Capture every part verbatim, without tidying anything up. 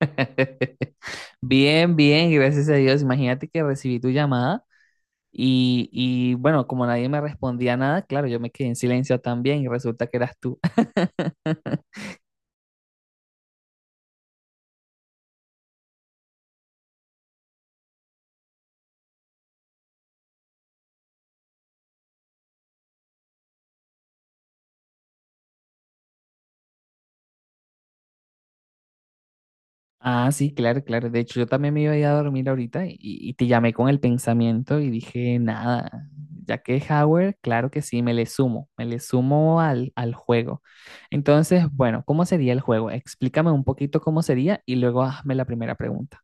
Bien, bien, gracias a Dios. Imagínate que recibí tu llamada y, y bueno, como nadie me respondía nada, claro, yo me quedé en silencio también y resulta que eras tú. Ah, sí, claro, claro. De hecho, yo también me iba a ir a dormir ahorita y, y te llamé con el pensamiento y dije, nada, ya que es Howard, claro que sí, me le sumo, me le sumo al, al juego. Entonces, bueno, ¿cómo sería el juego? Explícame un poquito cómo sería y luego hazme la primera pregunta.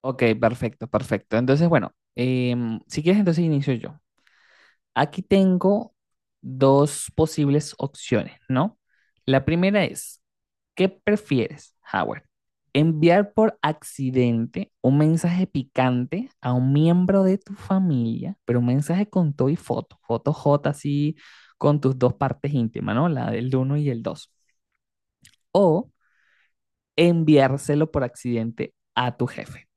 Ok, perfecto, perfecto. Entonces, bueno, em, si quieres, entonces inicio yo. Aquí tengo dos posibles opciones, ¿no? La primera es: ¿qué prefieres, Howard? ¿Enviar por accidente un mensaje picante a un miembro de tu familia, pero un mensaje con todo y foto, foto J así con tus dos partes íntimas? ¿No? La del uno y el dos. O enviárselo por accidente a tu jefe.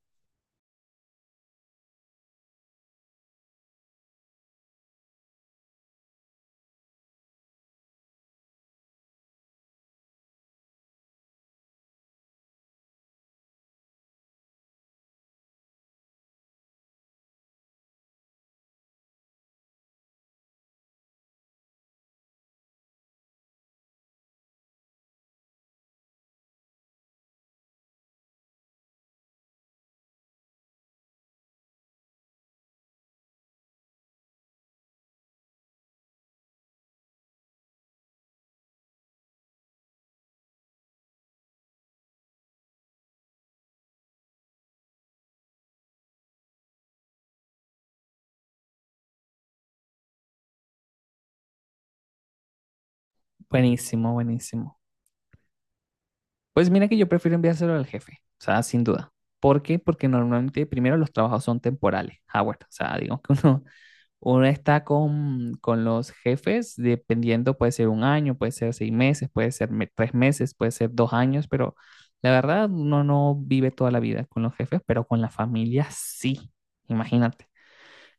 Buenísimo, buenísimo. Pues mira que yo prefiero enviárselo al jefe, o sea, sin duda. ¿Por qué? Porque normalmente primero los trabajos son temporales, Howard. O sea, digamos que uno, uno está con, con los jefes dependiendo, puede ser un año, puede ser seis meses, puede ser me- tres meses, puede ser dos años, pero la verdad uno no vive toda la vida con los jefes, pero con la familia sí, imagínate.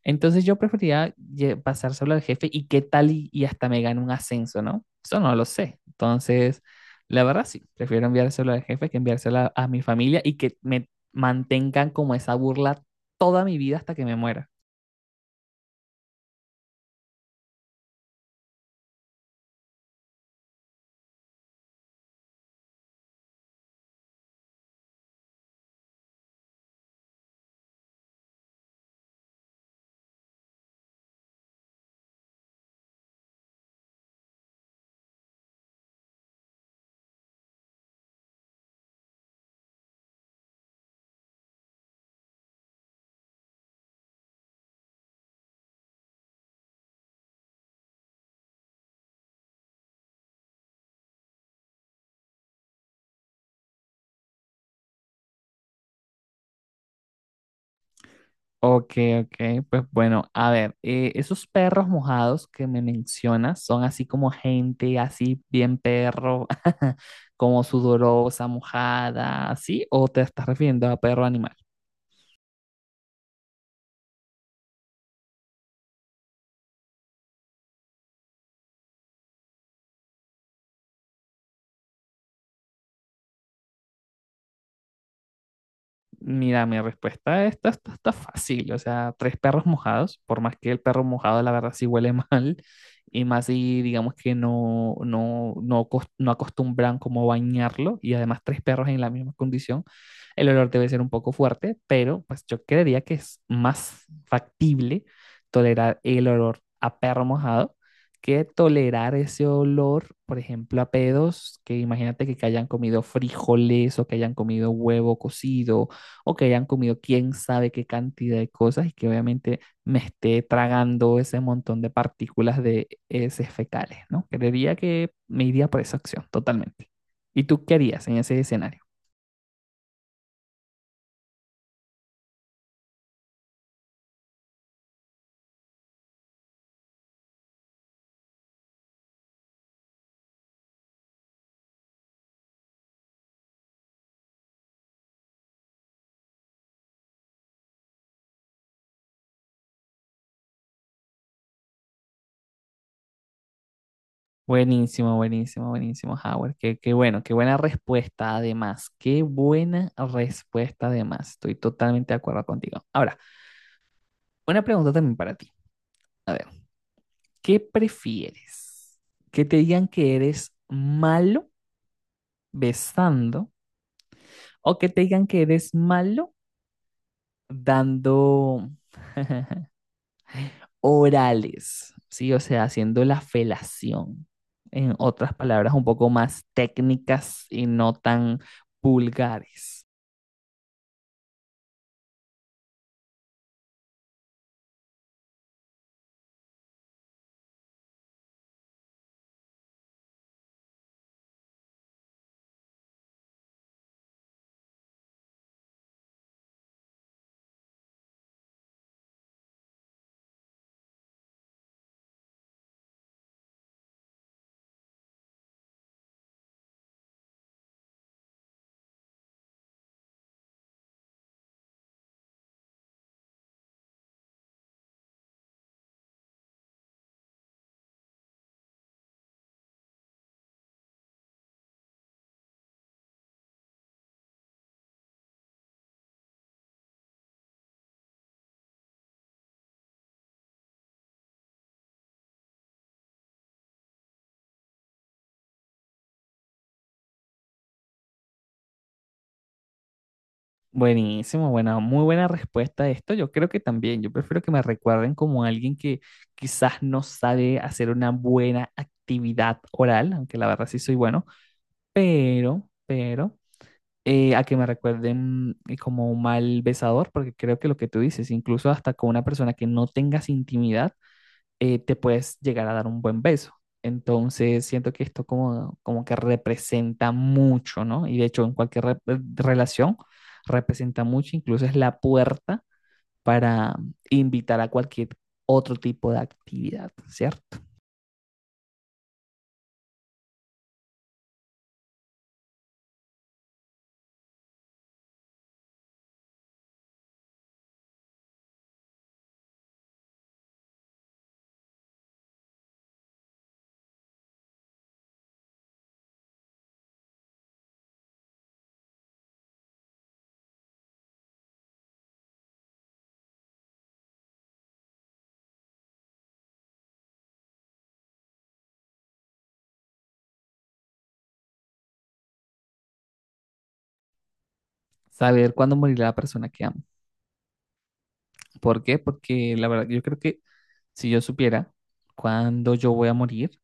Entonces yo preferiría lle- pasárselo al jefe y qué tal y, y hasta me gane un ascenso, ¿no? Eso no lo sé. Entonces, la verdad sí, prefiero enviárselo al jefe que enviárselo a, a mi familia y que me mantengan como esa burla toda mi vida hasta que me muera. Ok, ok, pues bueno, a ver, eh, esos perros mojados que me mencionas son así como gente, así bien perro, como sudorosa, mojada, ¿sí? ¿O te estás refiriendo a perro animal? Mira, mi respuesta está, está, está fácil, o sea, tres perros mojados, por más que el perro mojado la verdad sí huele mal, y más si digamos que no, no, no, acos- no acostumbran como bañarlo, y además tres perros en la misma condición, el olor debe ser un poco fuerte, pero pues yo creería que es más factible tolerar el olor a perro mojado que tolerar ese olor, por ejemplo, a pedos, que imagínate que que hayan comido frijoles o que hayan comido huevo cocido o que hayan comido quién sabe qué cantidad de cosas y que obviamente me esté tragando ese montón de partículas de heces fecales, ¿no? Creería que me iría por esa opción, totalmente. ¿Y tú qué harías en ese escenario? Buenísimo, buenísimo, buenísimo, Howard. Qué, qué bueno, qué buena respuesta además. Qué buena respuesta además. Estoy totalmente de acuerdo contigo. Ahora, una pregunta también para ti. A ver, ¿qué prefieres? ¿Que te digan que eres malo besando, o que te digan que eres malo dando orales? ¿Sí? O sea, haciendo la felación. En otras palabras, un poco más técnicas y no tan vulgares. Buenísimo, bueno, muy buena respuesta a esto. Yo creo que también, yo prefiero que me recuerden como alguien que quizás no sabe hacer una buena actividad oral, aunque la verdad sí soy bueno, pero, pero eh, a que me recuerden eh, como un mal besador, porque creo que lo que tú dices, incluso hasta con una persona que no tengas intimidad, eh, te puedes llegar a dar un buen beso. Entonces siento que esto como, como que representa mucho, ¿no? Y de hecho en cualquier re- eh, relación representa mucho, incluso es la puerta para invitar a cualquier otro tipo de actividad, ¿cierto? Saber cuándo morirá la persona que amas. ¿Por qué? Porque la verdad, yo creo que si yo supiera cuándo yo voy a morir,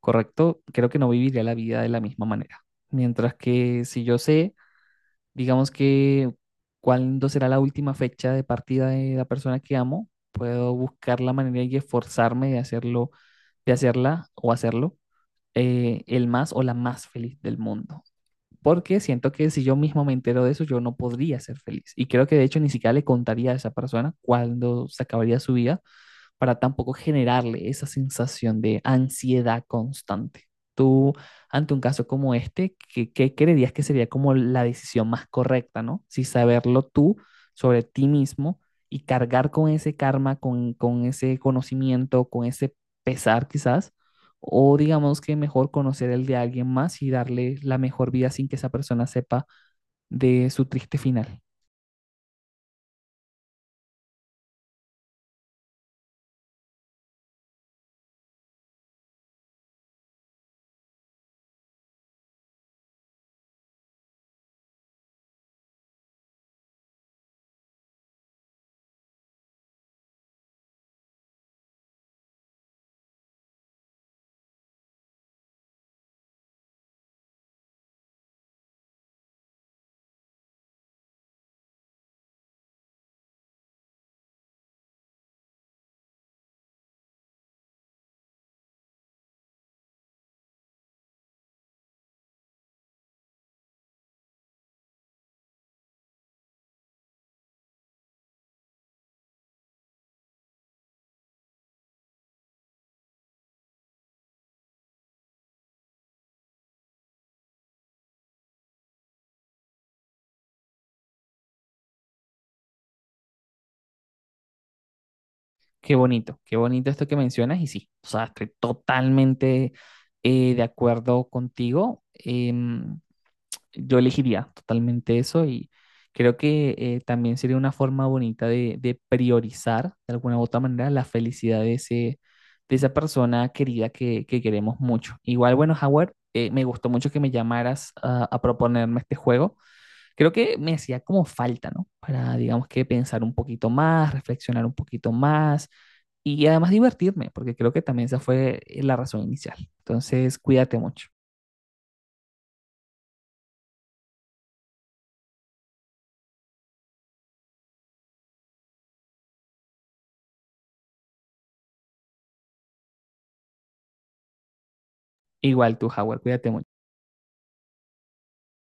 correcto, creo que no viviría la vida de la misma manera. Mientras que si yo sé, digamos que cuándo será la última fecha de partida de la persona que amo, puedo buscar la manera y esforzarme de hacerlo, de hacerla o hacerlo eh, el más o la más feliz del mundo porque siento que si yo mismo me entero de eso, yo no podría ser feliz. Y creo que de hecho ni siquiera le contaría a esa persona cuándo se acabaría su vida, para tampoco generarle esa sensación de ansiedad constante. Tú, ante un caso como este, ¿qué, qué creerías que sería como la decisión más correcta? ¿No? Si saberlo tú sobre ti mismo y cargar con ese karma, con, con ese conocimiento, con ese pesar quizás, o digamos que mejor conocer el de alguien más y darle la mejor vida sin que esa persona sepa de su triste final. Qué bonito, qué bonito esto que mencionas y sí, o sea, estoy totalmente eh, de acuerdo contigo. Em, yo elegiría totalmente eso y creo que eh, también sería una forma bonita de, de priorizar de alguna u otra manera la felicidad de ese, de esa persona querida que, que queremos mucho. Igual, bueno, Howard, eh, me gustó mucho que me llamaras a, a proponerme este juego. Creo que me hacía como falta, ¿no? Para, digamos que pensar un poquito más, reflexionar un poquito más y además divertirme, porque creo que también esa fue la razón inicial. Entonces, cuídate mucho. Igual tú, Howard, cuídate mucho.